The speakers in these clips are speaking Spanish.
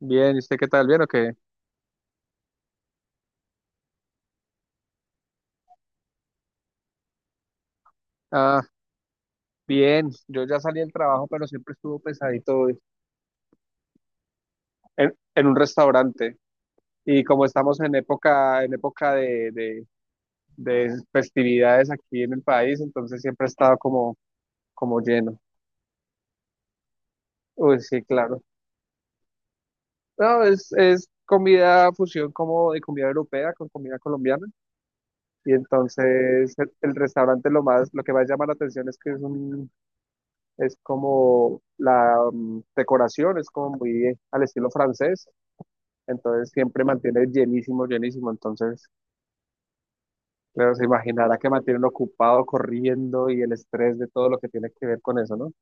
Bien, ¿y usted qué tal? ¿Bien o qué? Ah, bien, yo ya salí del trabajo, pero siempre estuvo pesadito hoy en un restaurante. Y como estamos en época de festividades aquí en el país, entonces siempre ha estado como lleno. Uy, sí, claro. No, es comida fusión como de comida europea con comida colombiana. Y entonces el restaurante lo que más llama la atención es que es como la decoración es como muy al estilo francés, entonces siempre mantiene llenísimo, llenísimo, entonces, pero se imaginará que mantienen ocupado corriendo y el estrés de todo lo que tiene que ver con eso, ¿no?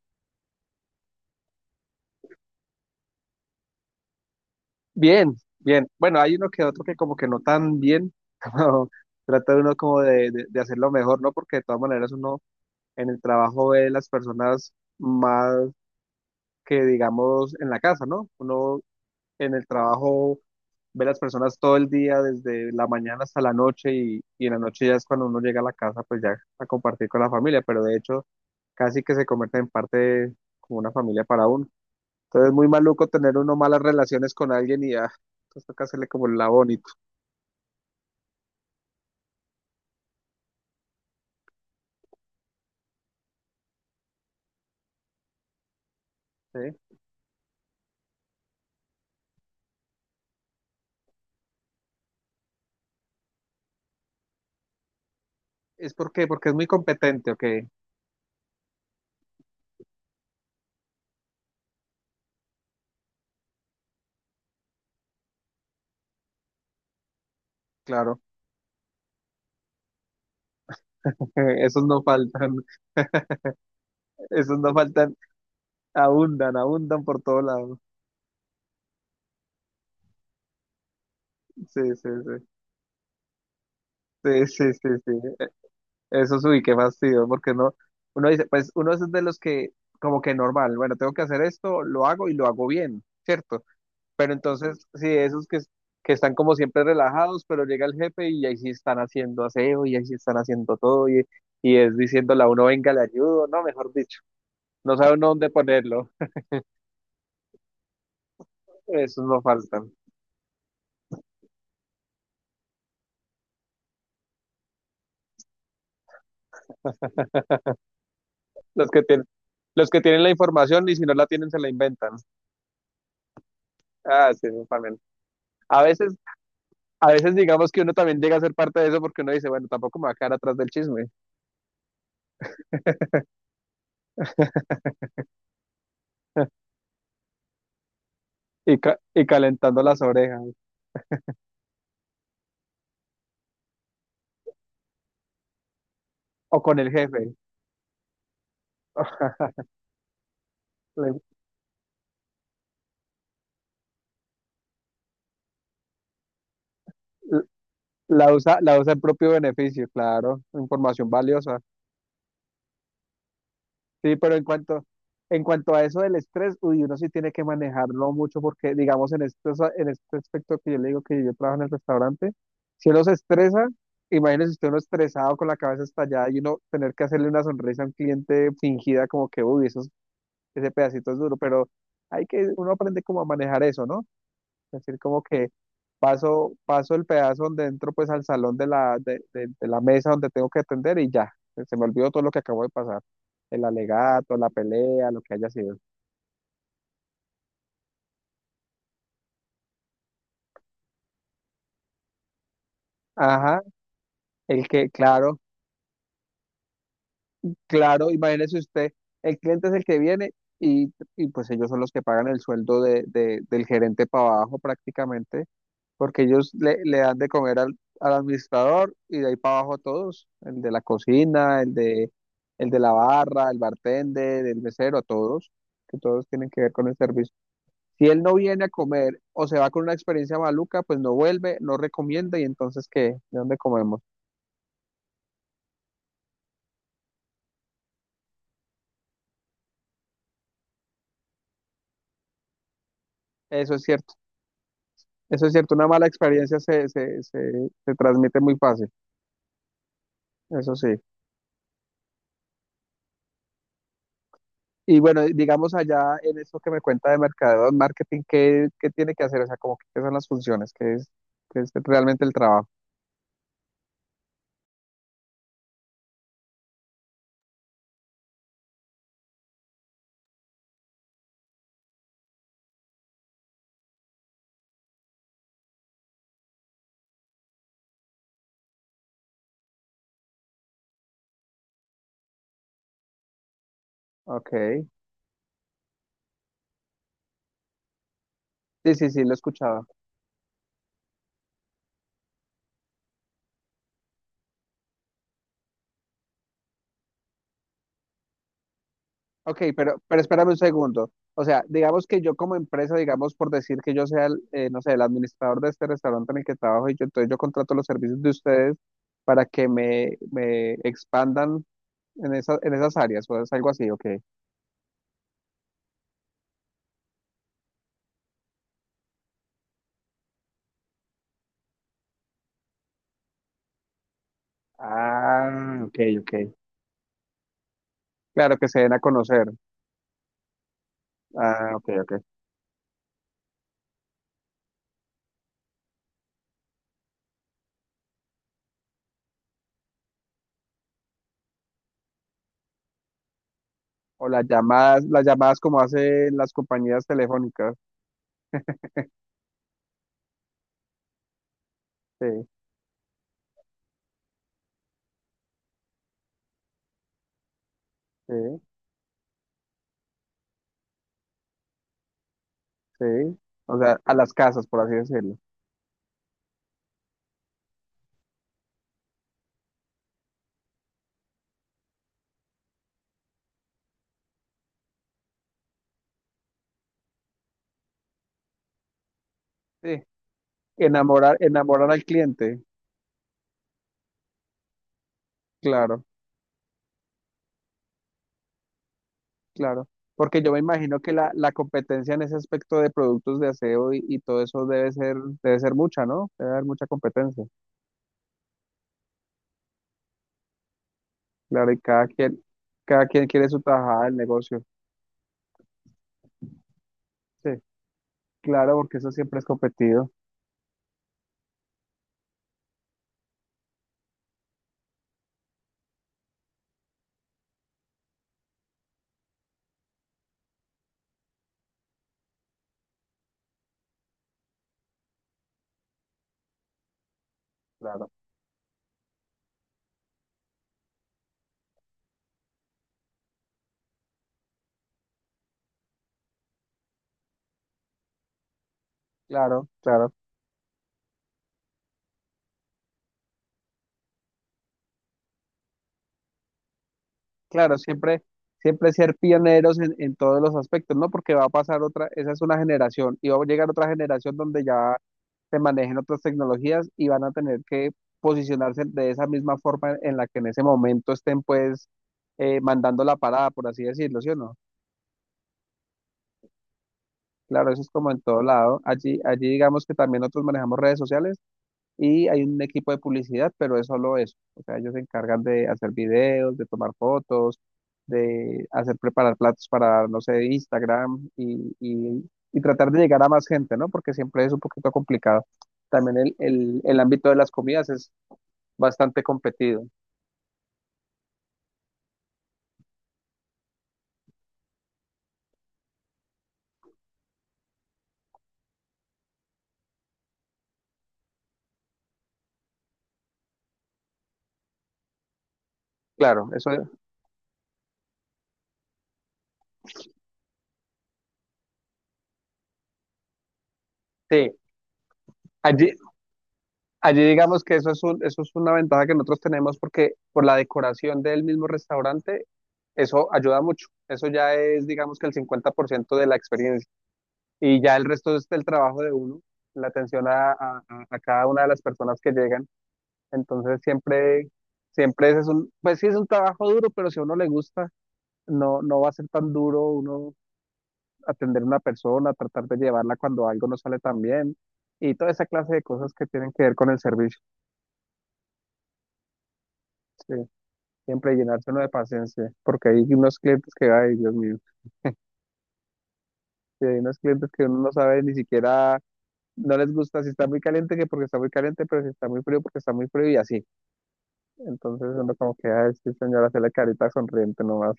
Bien, bien, bueno, hay uno que otro que como que no tan bien, como trata uno como de hacerlo mejor, ¿no? Porque de todas maneras uno en el trabajo ve las personas más que digamos en la casa, ¿no? Uno en el trabajo ve las personas todo el día, desde la mañana hasta la noche, y en la noche ya es cuando uno llega a la casa, pues ya a compartir con la familia, pero de hecho casi que se convierte en como una familia para uno. Entonces es muy maluco tener uno malas relaciones con alguien y ya, pues toca hacerle como el la bonito, ¿sí? ¿Es por qué? Porque es muy competente, ok, claro, esos no faltan, esos no faltan, abundan, abundan por todo lado, sí, sí, sí. Sí, sí, sí, sí. Eso sí, qué fastidio, porque no, uno dice, pues uno es de los que como que normal, bueno, tengo que hacer esto, lo hago y lo hago bien, ¿cierto? Pero entonces, sí, esos que están como siempre relajados, pero llega el jefe y ahí sí están haciendo aseo y ahí sí están haciendo todo y es diciéndole a uno, venga, le ayudo, no, mejor dicho, no sabe uno dónde ponerlo, esos no faltan. Los que tienen, los que tienen la información y si no la tienen se la inventan. Ah, sí, no, también. A veces a veces digamos que uno también llega a ser parte de eso porque uno dice, bueno, tampoco me va a quedar atrás del chisme y calentando las orejas o con el jefe. Le- l- La usa, la usa en propio beneficio, claro, información valiosa. Sí, pero en cuanto a eso del estrés, uy, uno sí tiene que manejarlo mucho porque, digamos, en este aspecto que yo le digo que yo trabajo en el restaurante, si uno se estresa, imagínese usted uno estresado con la cabeza estallada y uno tener que hacerle una sonrisa a un cliente fingida como que, uy, eso ese pedacito es duro, pero hay que, uno aprende como a manejar eso, ¿no? Es decir, como que paso el pedazo donde entro pues al salón de la mesa donde tengo que atender y ya, se me olvidó todo lo que acabo de pasar, el alegato, la pelea, lo que haya sido. Ajá, claro, claro, imagínese usted, el cliente es el que viene y pues ellos son los que pagan el sueldo del gerente para abajo prácticamente. Porque ellos le dan de comer al administrador y de ahí para abajo todos, el de la cocina, el de la barra, el bartender, el mesero, todos, que todos tienen que ver con el servicio. Si él no viene a comer o se va con una experiencia maluca, pues no vuelve, no recomienda y entonces ¿qué? ¿De dónde comemos? Eso es cierto, eso es cierto, una mala experiencia se transmite muy fácil, eso sí. Y bueno, digamos allá en eso que me cuenta de mercadeo, marketing, ¿qué tiene que hacer? O sea, como que, qué son las funciones, qué es realmente el trabajo. Ok. Sí, sí, sí, lo he escuchado. Ok, pero espérame un segundo. O sea, digamos que yo como empresa, digamos por decir que yo sea, el, no sé, el administrador de este restaurante en el que trabajo y yo, entonces yo contrato los servicios de ustedes para que me expandan en esas áreas o es algo así, ok. Ah, ok, ok. Claro, que se den a conocer. Ah, ok, ok. O las llamadas como hacen las compañías telefónicas. Sí, sí, sí. O sea, a las casas, por así decirlo. Sí. Enamorar, enamorar al cliente. Claro, claro. Porque yo me imagino que la competencia en ese aspecto de productos de aseo y todo eso debe ser mucha, ¿no? Debe haber mucha competencia. Claro, y cada quien quiere su tajada del negocio. Sí, claro, porque eso siempre es competido. Claro, claro, claro. Claro, siempre ser pioneros en todos los aspectos, ¿no? Porque va a pasar otra, esa es una generación, y va a llegar otra generación donde ya se manejen otras tecnologías y van a tener que posicionarse de esa misma forma en la que en ese momento estén, pues, mandando la parada, por así decirlo, ¿sí o no? Claro, eso es como en todo lado. Allí digamos que también nosotros manejamos redes sociales y hay un equipo de publicidad, pero es solo eso. O sea, ellos se encargan de hacer videos, de tomar fotos, de hacer preparar platos para, no sé, Instagram y tratar de llegar a más gente, ¿no? Porque siempre es un poquito complicado. También el ámbito de las comidas es bastante competido. Claro, eso sí. Allí, allí digamos que eso es una ventaja que nosotros tenemos porque por la decoración del mismo restaurante, eso ayuda mucho. Eso ya es, digamos que el 50% de la experiencia. Y ya el resto es el trabajo de uno, la atención a cada una de las personas que llegan. Entonces siempre ese es un, pues sí es un trabajo duro, pero si a uno le gusta, no, no va a ser tan duro uno atender a una persona, tratar de llevarla cuando algo no sale tan bien y toda esa clase de cosas que tienen que ver con el servicio. Sí. Siempre llenarse uno de paciencia, porque hay unos clientes que, ay, Dios mío, sí, hay unos clientes que uno no sabe ni siquiera, no les gusta si está muy caliente que porque está muy caliente, pero si está muy frío porque está muy frío y así. Entonces uno como que, ay, sí, señora, hace la carita sonriente nomás,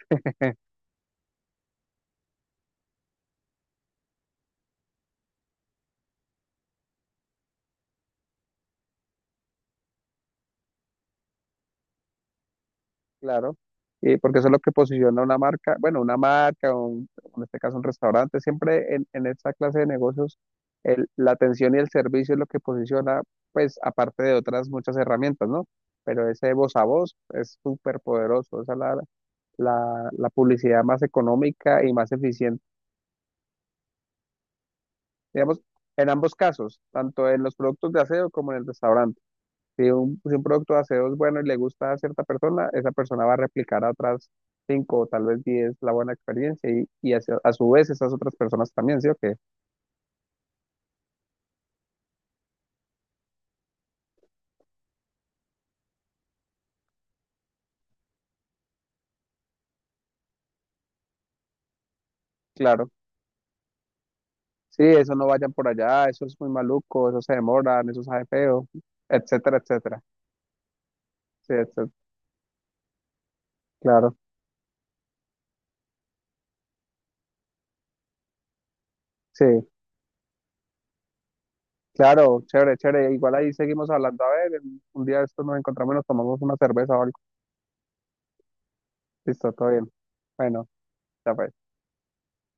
claro. Y porque eso es lo que posiciona una marca, bueno, una marca, en este caso un restaurante, siempre en esta clase de negocios, la atención y el servicio es lo que posiciona, pues aparte de otras muchas herramientas, ¿no? Pero ese voz a voz es súper poderoso, esa es la publicidad más económica y más eficiente, digamos, en ambos casos, tanto en los productos de aseo como en el restaurante. Si un producto de aseo es bueno y le gusta a cierta persona, esa persona va a replicar a otras cinco o tal vez 10 la buena experiencia a su vez esas otras personas también, ¿sí o qué? Claro. Sí, eso no vayan por allá, eso es muy maluco, eso se demoran, eso sabe feo, etcétera, etcétera. Sí, etcétera. Claro, sí, claro, chévere, chévere. Igual ahí seguimos hablando. A ver, un día de estos nos encontramos y nos tomamos una cerveza o algo. Listo, todo bien. Bueno, ya fue.